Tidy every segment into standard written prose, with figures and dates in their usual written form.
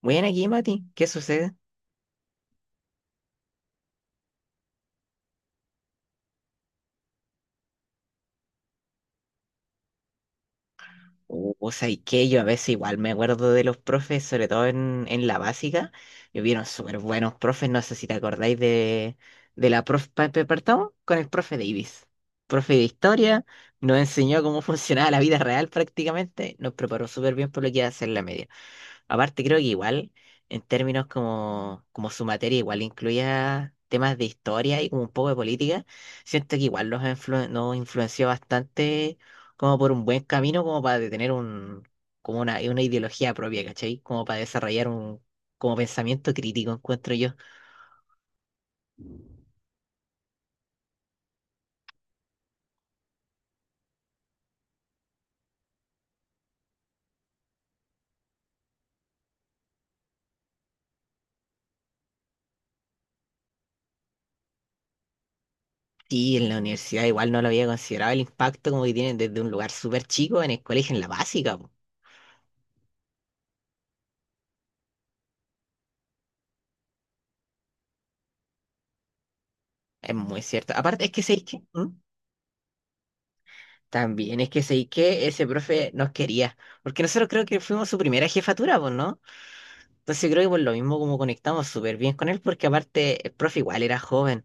Bueno, aquí, Mati, ¿qué sucede? O sea, y que yo a veces igual me acuerdo de los profes, sobre todo en, la básica. Yo vieron súper buenos profes, no sé si te acordáis de la profe Pepe Partón con el profe Davis. Profe de historia, nos enseñó cómo funcionaba la vida real prácticamente, nos preparó súper bien por lo que iba a ser la media. Aparte, creo que igual, en términos como, su materia, igual incluía temas de historia y como un poco de política, siento que igual nos, nos influenció bastante como por un buen camino, como para tener un, como una ideología propia, ¿cachai? Como para desarrollar un como pensamiento crítico, encuentro yo. Sí, en la universidad igual no lo había considerado el impacto como que tienen desde un lugar súper chico en el colegio, en la básica, po. Es muy cierto. Aparte, es que, ¿sabéis qué? ¿Mm? También es que sé que ese profe nos quería, porque nosotros creo que fuimos su primera jefatura, pues, ¿no? Entonces creo que por lo mismo como conectamos súper bien con él, porque aparte el profe igual era joven.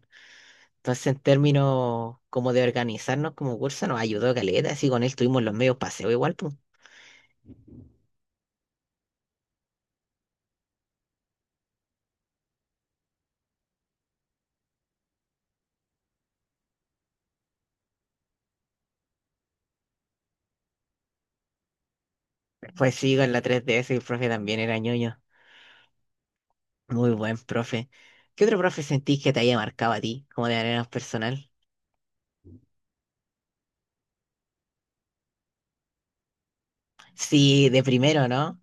Entonces en términos como de organizarnos como curso nos ayudó caleta, así con él tuvimos los medios paseo igual, pues. Pues sí, con la 3DS el profe también era ñoño. Muy buen profe. ¿Qué otro profe sentís que te haya marcado a ti, como de manera más personal? Sí, de primero, ¿no?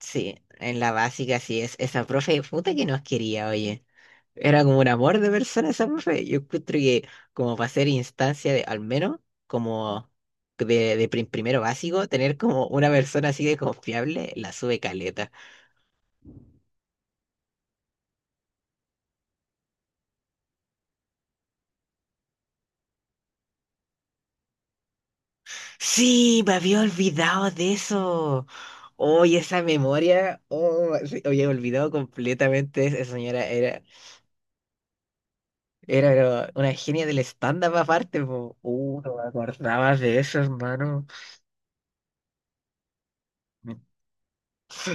Sí, en la básica sí es esa profe puta que nos quería, oye. Era como un amor de persona esa profe. Yo encuentro que como para ser instancia de, al menos, como de, primero básico, tener como una persona así de confiable, la sube caleta. Sí, me había olvidado de eso. Oye, esa memoria, oh, sí, había olvidado completamente. Esa señora era, pero una genia del stand-up aparte, po. No me acordaba de eso, hermano.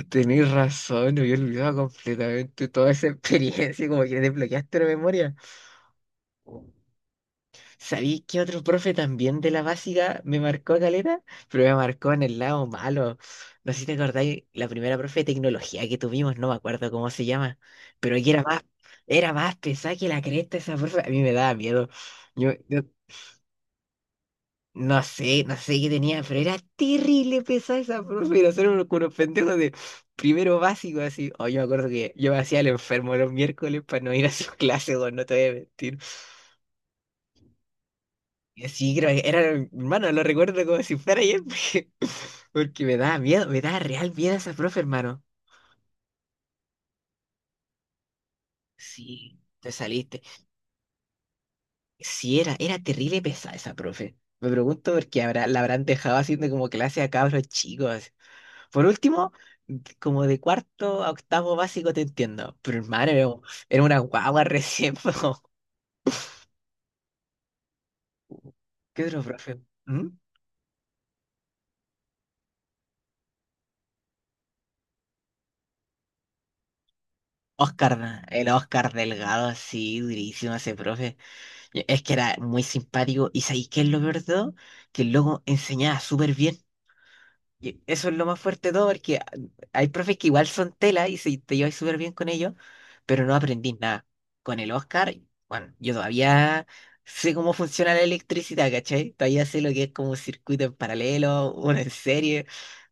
Tenés razón, me había olvidado completamente toda esa experiencia, como que desbloqueaste la memoria. ¿Sabís que otro profe también de la básica me marcó caleta? Pero me marcó en el lado malo. No sé si te acordáis, la primera profe de tecnología que tuvimos, no me acuerdo cómo se llama, pero que era más pesada que la cresta esa profe. A mí me daba miedo. Yo no sé qué tenía, pero era terrible pesada esa profe. Y nosotros éramos como unos pendejos de primero básico, así. Oh, yo me acuerdo que yo me hacía el enfermo los miércoles para no ir a sus clases, weón, no te voy a mentir. Y así, creo que era, hermano, lo recuerdo como si fuera ayer, porque, me daba miedo, me daba real miedo esa profe, hermano. Sí, te saliste. Sí, era terrible pesada esa profe. Me pregunto por qué habrá, la habrán dejado haciendo como clase a cabros chicos. Por último, como de cuarto a octavo básico te entiendo. Pero hermano, era una guagua recién, po. ¿Qué otro profe? ¿Mm? Oscar, ¿no? El Oscar Delgado, sí, durísimo ese profe. Y es que era muy simpático. ¿Y sabéis qué es lo peor de todo? Que el loco enseñaba súper bien. Y eso es lo más fuerte de todo, porque hay profes que igual son tela y si te llevas súper bien con ellos, pero no aprendí nada. Con el Oscar, bueno, yo todavía sé cómo funciona la electricidad, ¿cachai? Todavía sé lo que es como un circuito en paralelo, uno en serie.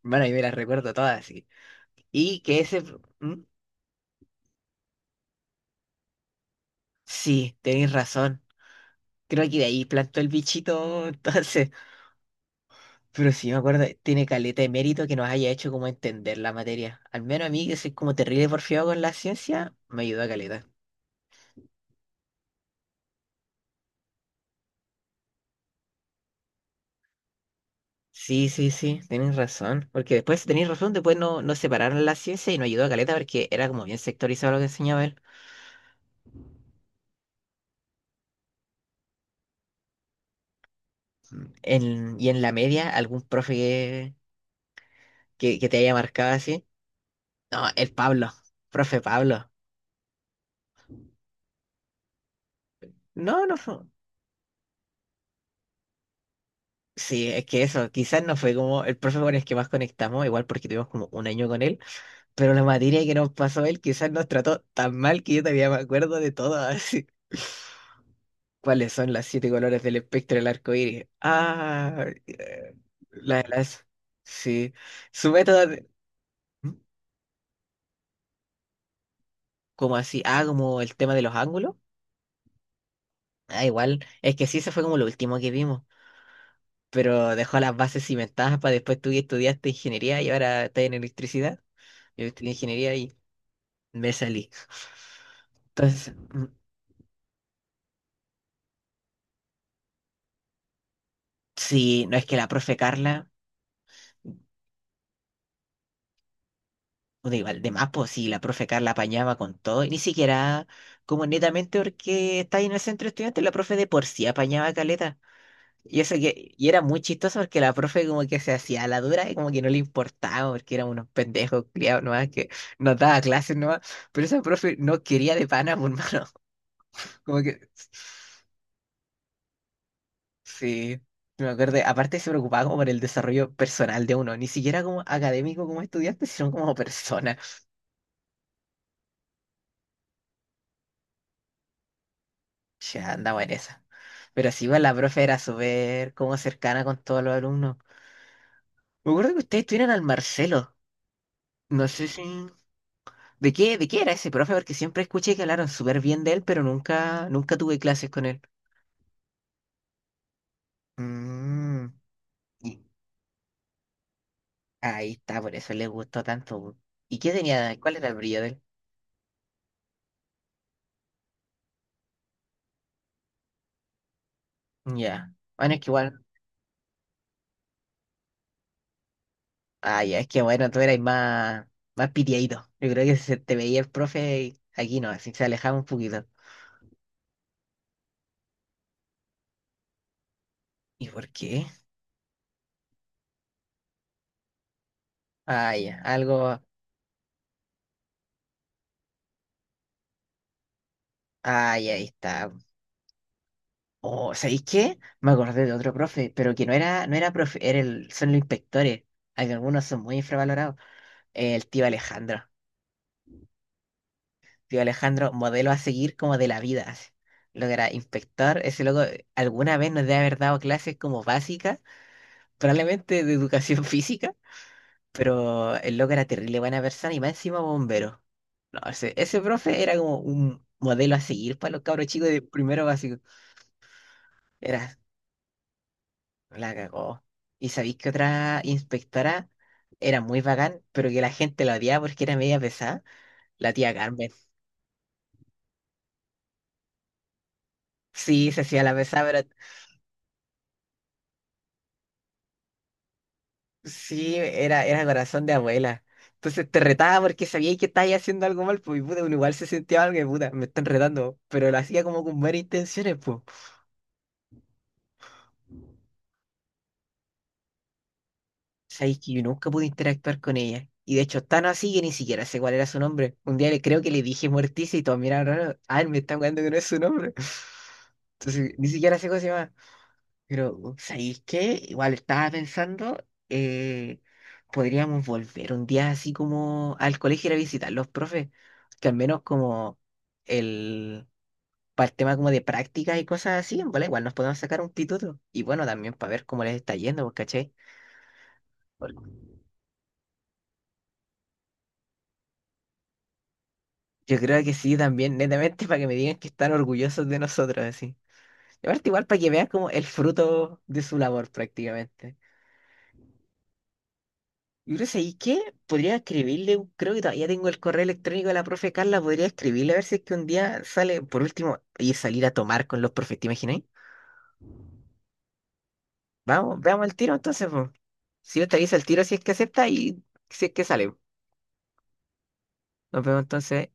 Bueno, yo me las recuerdo todas, así. Y que ese. ¿Mm? Sí, tenéis razón. Creo que de ahí plantó el bichito, entonces. Pero sí me acuerdo, tiene caleta de mérito que nos haya hecho como entender la materia. Al menos a mí, que soy como terrible porfiado con la ciencia, me ayudó a caleta. Sí, sí, sí, tenés razón. Porque después, tenés razón, después no, no separaron la ciencia y nos ayudó a caleta porque era como bien sectorizado lo que enseñaba él. Y en la media, algún profe que, que te haya marcado así. No, el Pablo, profe Pablo. No, no fue. Sí, es que eso, quizás no fue como el profe con el que más conectamos, igual porque tuvimos como un año con él. Pero la materia que nos pasó él quizás nos trató tan mal que yo todavía me acuerdo de todo. Así. ¿Cuáles son las siete colores del espectro del arco iris? Ah, las. Sí. Su método. ¿Mm? ¿Cómo así? Ah, como el tema de los ángulos. Ah, igual. Es que sí, eso fue como lo último que vimos. Pero dejó las bases cimentadas para después tú que estudiaste ingeniería y ahora estás en electricidad. Yo estudié ingeniería y me salí. Entonces, sí, no es que la profe Carla. Puta, igual, de más, pues si la profe Carla apañaba con todo, y ni siquiera como netamente porque está ahí en el centro estudiante, la profe de por sí apañaba caleta. Y eso que, y era muy chistoso porque la profe como que se hacía la dura y como que no le importaba, porque eran unos pendejos criados nomás que nos daba clases nomás, pero esa profe no quería de pana, por mano. Como que sí, me acuerdo, aparte se preocupaba como por el desarrollo personal de uno, ni siquiera como académico como estudiante, sino como persona. Ya andamos en esa. Pero sí, igual la profe era súper como cercana con todos los alumnos. Me acuerdo que ustedes tuvieron al Marcelo. No sé si. De qué era ese profe? Porque siempre escuché que hablaron súper bien de él, pero nunca, nunca tuve clases con él. Mm, y ahí está, por eso le gustó tanto, bu. ¿Y qué tenía? ¿Cuál era el brillo de él? Ya. Bueno, es que igual. Ah, ya, es que bueno, tú eras más, pitiadito. Yo creo que se te veía el profe y aquí no, así se alejaba un poquito. ¿Y por qué? Ah, ya, algo. Ay, ahí está. Oh, ¿sabéis qué? Me acordé de otro profe, pero que no era profe, era el, son los inspectores. Hay algunos son muy infravalorados. El tío Alejandro. Tío Alejandro, modelo a seguir como de la vida, así. Lo que era inspector, ese loco alguna vez nos debe haber dado clases como básicas, probablemente de educación física, pero el loco era terrible buena persona y más encima bombero. No, ese, profe era como un modelo a seguir para los cabros chicos de primero básico. Era La cagó. ¿Y sabéis que otra inspectora era muy bacán, pero que la gente la odiaba porque era media pesada? La tía Carmen. Sí, se hacía la pesada, pero sí, era corazón de abuela. Entonces te retaba porque sabía que estabas haciendo algo mal, pues y puta, uno igual se sentía algo que puta, me están retando, pero lo hacía como con buenas intenciones, pues. Sabéis que yo nunca pude interactuar con ella. Y de hecho, tan así que ni siquiera sé cuál era su nombre. Un día le creo que le dije Morticia y todos miraron raro. Ah, él me está jugando que no es su nombre. Entonces, ni siquiera sé cómo se llama. Pero, ¿sabéis qué? Igual estaba pensando, eh, podríamos volver un día así como al colegio ir a visitar los profes. Que al menos como el, para el tema como de prácticas y cosas así, en bola igual nos podemos sacar un pituto. Y bueno, también para ver cómo les está yendo, pues, ¿cachai? Yo creo que sí también, netamente para que me digan que están orgullosos de nosotros, así. Y aparte igual para que veas como el fruto de su labor prácticamente. Y no sé, ¿y qué? Podría escribirle, creo que todavía tengo el correo electrónico de la profe Carla, podría escribirle a ver si es que un día sale, por último, y salir a tomar con los profes, ¿te imagináis? Vamos, veamos el tiro entonces, po. Si no te avisa el tiro, si es que acepta y si es que sale. Nos vemos entonces.